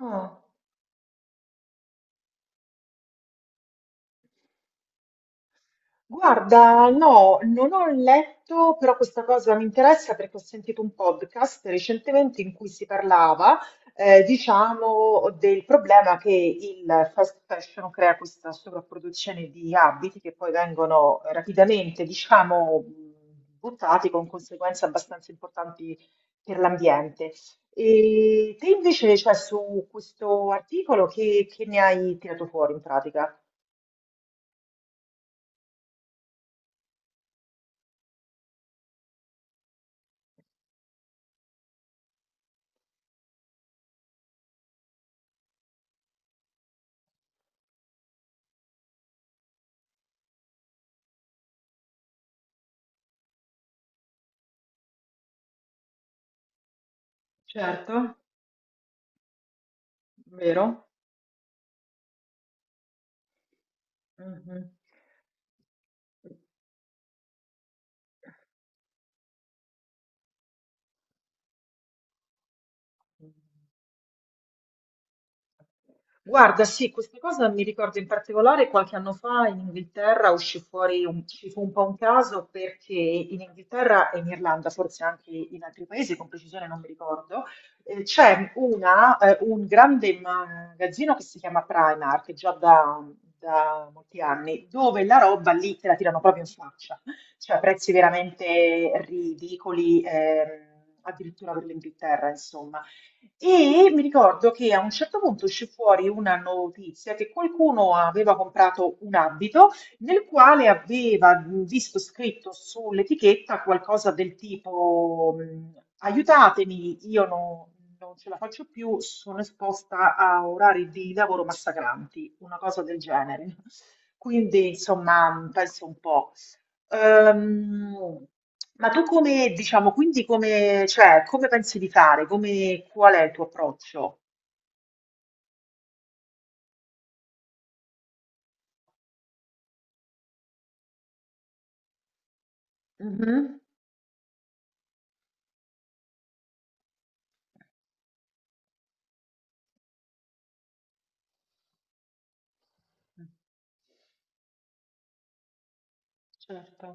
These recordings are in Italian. Ah, guarda, no, non ho letto, però questa cosa mi interessa perché ho sentito un podcast recentemente in cui si parlava, diciamo, del problema che il fast fashion crea questa sovrapproduzione di abiti che poi vengono rapidamente, diciamo, buttati con conseguenze abbastanza importanti per l'ambiente. E te invece, cioè, su questo articolo, che ne hai tirato fuori in pratica? Certo, vero? Mh-mh. Guarda, sì, questa cosa mi ricordo in particolare qualche anno fa in Inghilterra uscì fuori un ci fu un po' un caso perché in Inghilterra e in Irlanda, forse anche in altri paesi, con precisione non mi ricordo, c'è una un grande magazzino che si chiama Primark già da molti anni, dove la roba lì te la tirano proprio in faccia, cioè prezzi veramente ridicoli, addirittura per l'Inghilterra, insomma. E mi ricordo che a un certo punto uscì fuori una notizia che qualcuno aveva comprato un abito nel quale aveva visto scritto sull'etichetta qualcosa del tipo aiutatemi, io non ce la faccio più, sono esposta a orari di lavoro massacranti, una cosa del genere. Quindi, insomma, penso un po'. Ehm, ma tu come, diciamo, cioè, come pensi di fare? Come, qual è il tuo approccio? Mhm. Certo.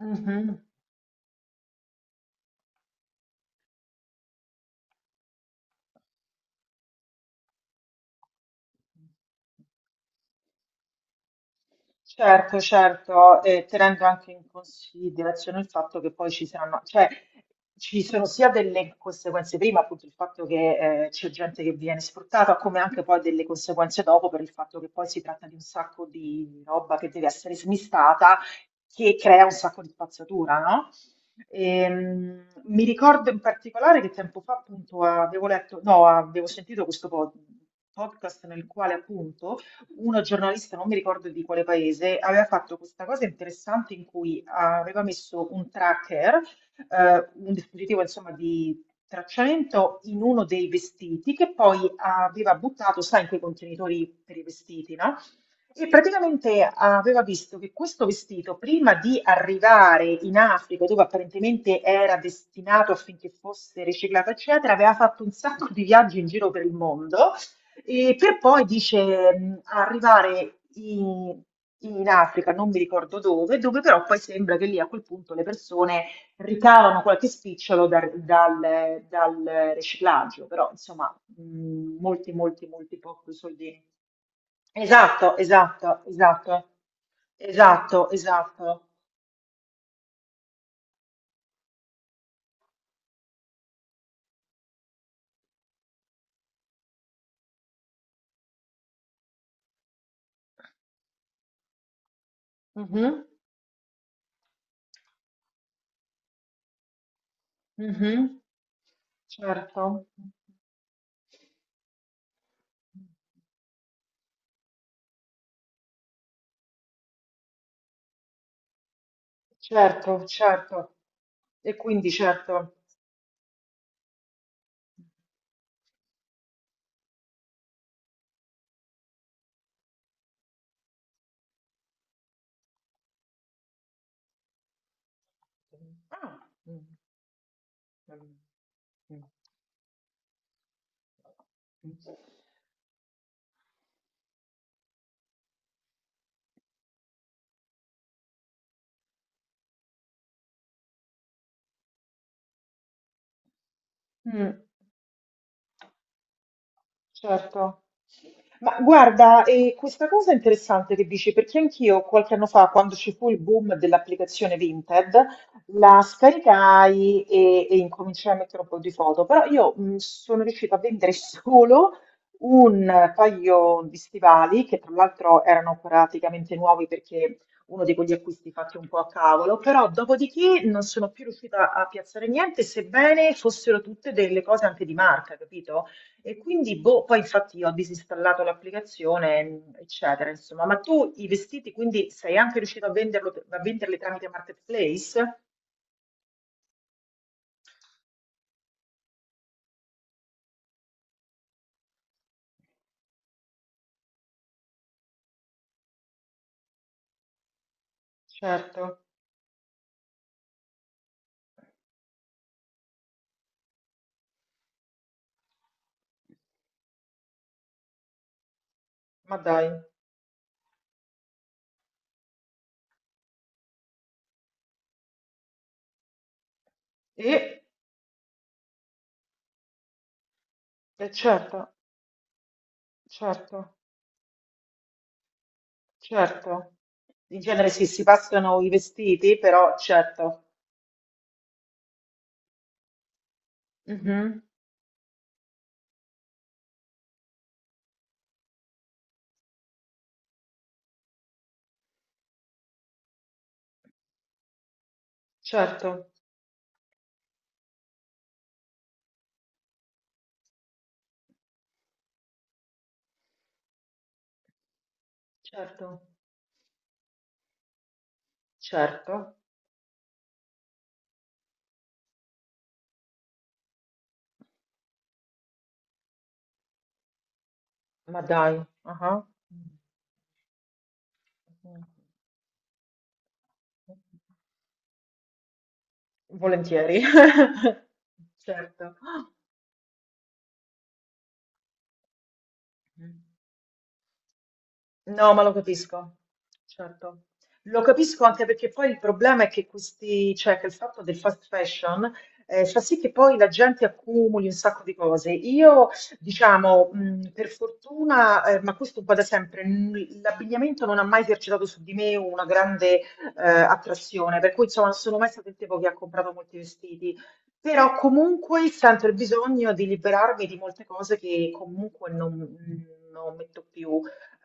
Mhm. Certo, certo, e tenendo anche in considerazione il fatto che poi ci saranno, cioè ci sono sia delle conseguenze prima, appunto il fatto che c'è gente che viene sfruttata, come anche poi delle conseguenze dopo per il fatto che poi si tratta di un sacco di roba che deve essere smistata, che crea un sacco di spazzatura, no? Mi ricordo in particolare che tempo fa appunto avevo letto, no, avevo sentito questo podcast nel quale appunto uno giornalista, non mi ricordo di quale paese, aveva fatto questa cosa interessante in cui aveva messo un tracker, un dispositivo insomma di tracciamento in uno dei vestiti che poi aveva buttato, sai, in quei contenitori per i vestiti, no? E praticamente aveva visto che questo vestito, prima di arrivare in Africa, dove apparentemente era destinato affinché fosse riciclato, eccetera, aveva fatto un sacco di viaggi in giro per il mondo e per poi dice arrivare in Africa, non mi ricordo dove, dove però poi sembra che lì a quel punto le persone ricavano qualche spicciolo dal riciclaggio, però insomma molti, molti, molti pochi soldi. Esatto, esatto, esatto, esatto, esatto. Mhm, mhm. Certo, certo, certo. E quindi certo. Ah, mm, mm, mm, mm. Mm, certo. Ma guarda, e questa cosa è interessante che dici, perché anch'io qualche anno fa, quando ci fu il boom dell'applicazione Vinted, la scaricai e incominciai a mettere un po' di foto, però io sono riuscita a vendere solo un paio di stivali, che tra l'altro erano praticamente nuovi perché uno di quegli acquisti fatti un po' a cavolo, però dopodiché non sono più riuscita a piazzare niente, sebbene fossero tutte delle cose anche di marca, capito? E quindi, boh, poi infatti io ho disinstallato l'applicazione, eccetera, insomma. Ma tu i vestiti, quindi sei anche riuscito a venderlo, a venderli tramite Marketplace? Certo, ma dai. E, e certo, certo, certo. In genere sì, si passano i vestiti, però certo. Mhm. Certo, certo, certo, ma dai. Ah. Volentieri. Certo. No, ma lo capisco, certo. Lo capisco anche perché poi il problema è che questi, cioè che il fatto del fast fashion fa sì che poi la gente accumuli un sacco di cose. Io, diciamo, per fortuna, ma questo un po' da sempre, l'abbigliamento non ha mai esercitato su di me una grande attrazione, per cui insomma non sono mai stato il tipo che ha comprato molti vestiti. Però comunque sento il bisogno di liberarmi di molte cose che comunque non, non metto più.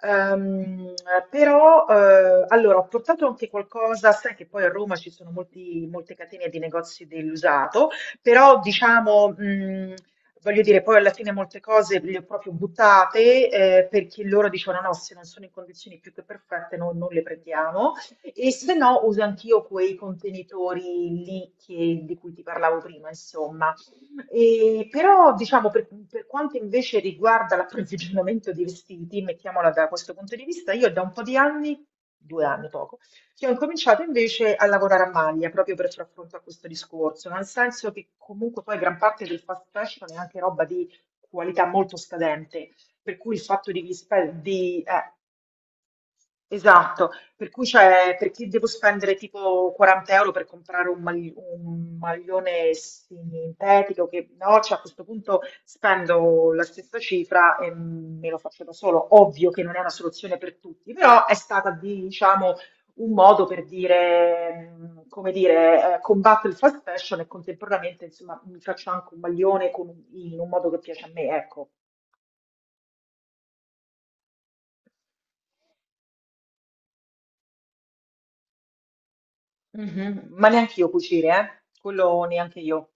Ehm, però, allora, ho portato anche qualcosa, sai che poi a Roma ci sono molte catene di negozi dell'usato, però diciamo, voglio dire, poi alla fine molte cose le ho proprio buttate, perché loro dicevano no, se non sono in condizioni più che perfette noi non le prendiamo, e se no uso anch'io quei contenitori lì di cui ti parlavo prima, insomma. E però, diciamo, per quanto invece riguarda l'approvvigionamento di vestiti, mettiamola da questo punto di vista, io da un po' di anni, due anni poco, che ho incominciato invece a lavorare a maglia proprio per far fronte a questo discorso, nel senso che comunque poi gran parte del fast fashion è anche roba di qualità molto scadente, per cui il fatto di, esatto, per cui c'è, perché devo spendere tipo 40 euro per comprare un maglione sintetico, che no, cioè a questo punto spendo la stessa cifra e me lo faccio da solo. Ovvio che non è una soluzione per tutti, però è stata, diciamo, un modo per dire, come dire, combatto il fast fashion e contemporaneamente, insomma, mi faccio anche un maglione con in un modo che piace a me, ecco. Mhm. Ma neanche io cucire, eh? Quello neanche io.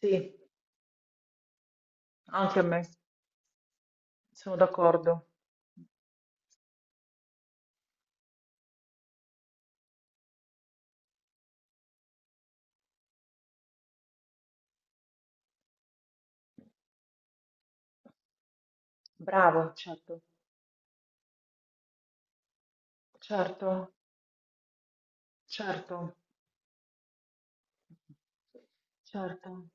Sì. Anche a me, sono d'accordo. Bravo, certo, certo, certo, certo.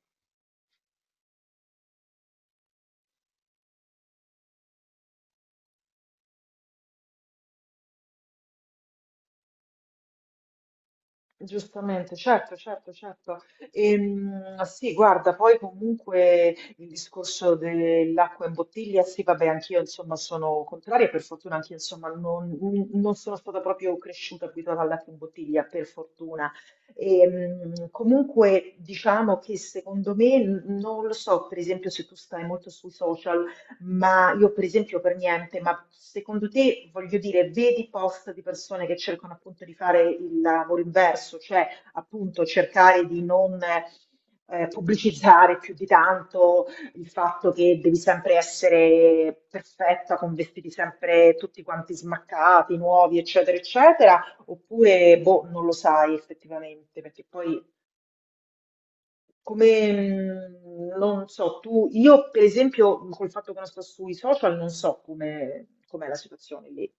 Giustamente, certo, certo, certo. Sì, guarda, poi comunque il discorso dell'acqua in bottiglia, sì, vabbè, anch'io insomma sono contraria, per fortuna anch'io insomma non, non sono stata proprio cresciuta abituata all'acqua in bottiglia, per fortuna. Comunque diciamo che secondo me, non lo so, per esempio se tu stai molto sui social, ma io per esempio per niente, ma secondo te, voglio dire, vedi post di persone che cercano appunto di fare il lavoro inverso, cioè appunto cercare di non pubblicizzare più di tanto il fatto che devi sempre essere perfetta, con vestiti sempre tutti quanti smaccati, nuovi, eccetera, eccetera, oppure boh, non lo sai effettivamente, perché poi come, non so, tu, io per esempio, col fatto che non sto sui social, non so come, com'è la situazione lì.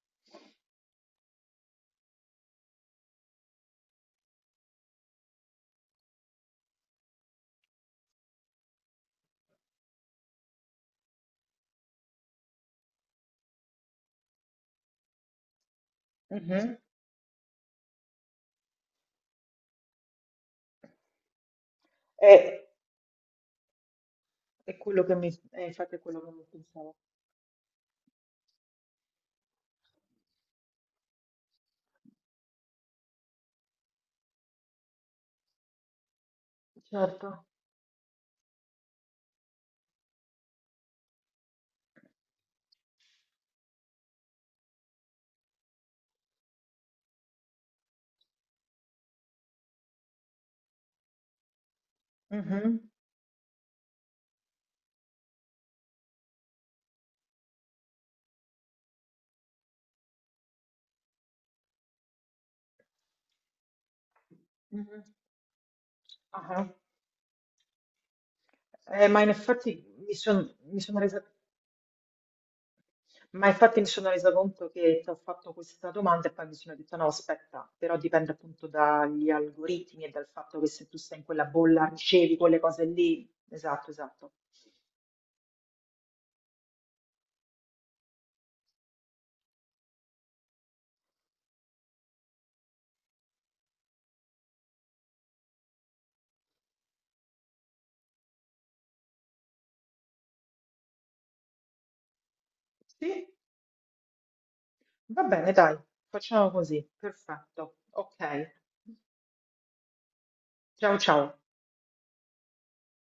Mhm. È, è quello che mi, infatti è quello che mi pensavo. Certo. Mhm. Mhm. Ah, ma in effetti mi sono resa, ma infatti mi sono resa conto che ti ho fatto questa domanda e poi mi sono detto no, aspetta, però dipende appunto dagli algoritmi e dal fatto che se tu sei in quella bolla ricevi quelle cose lì. Esatto, esatto. Sì, va bene, dai, facciamo così. Perfetto. Ok. Ciao ciao.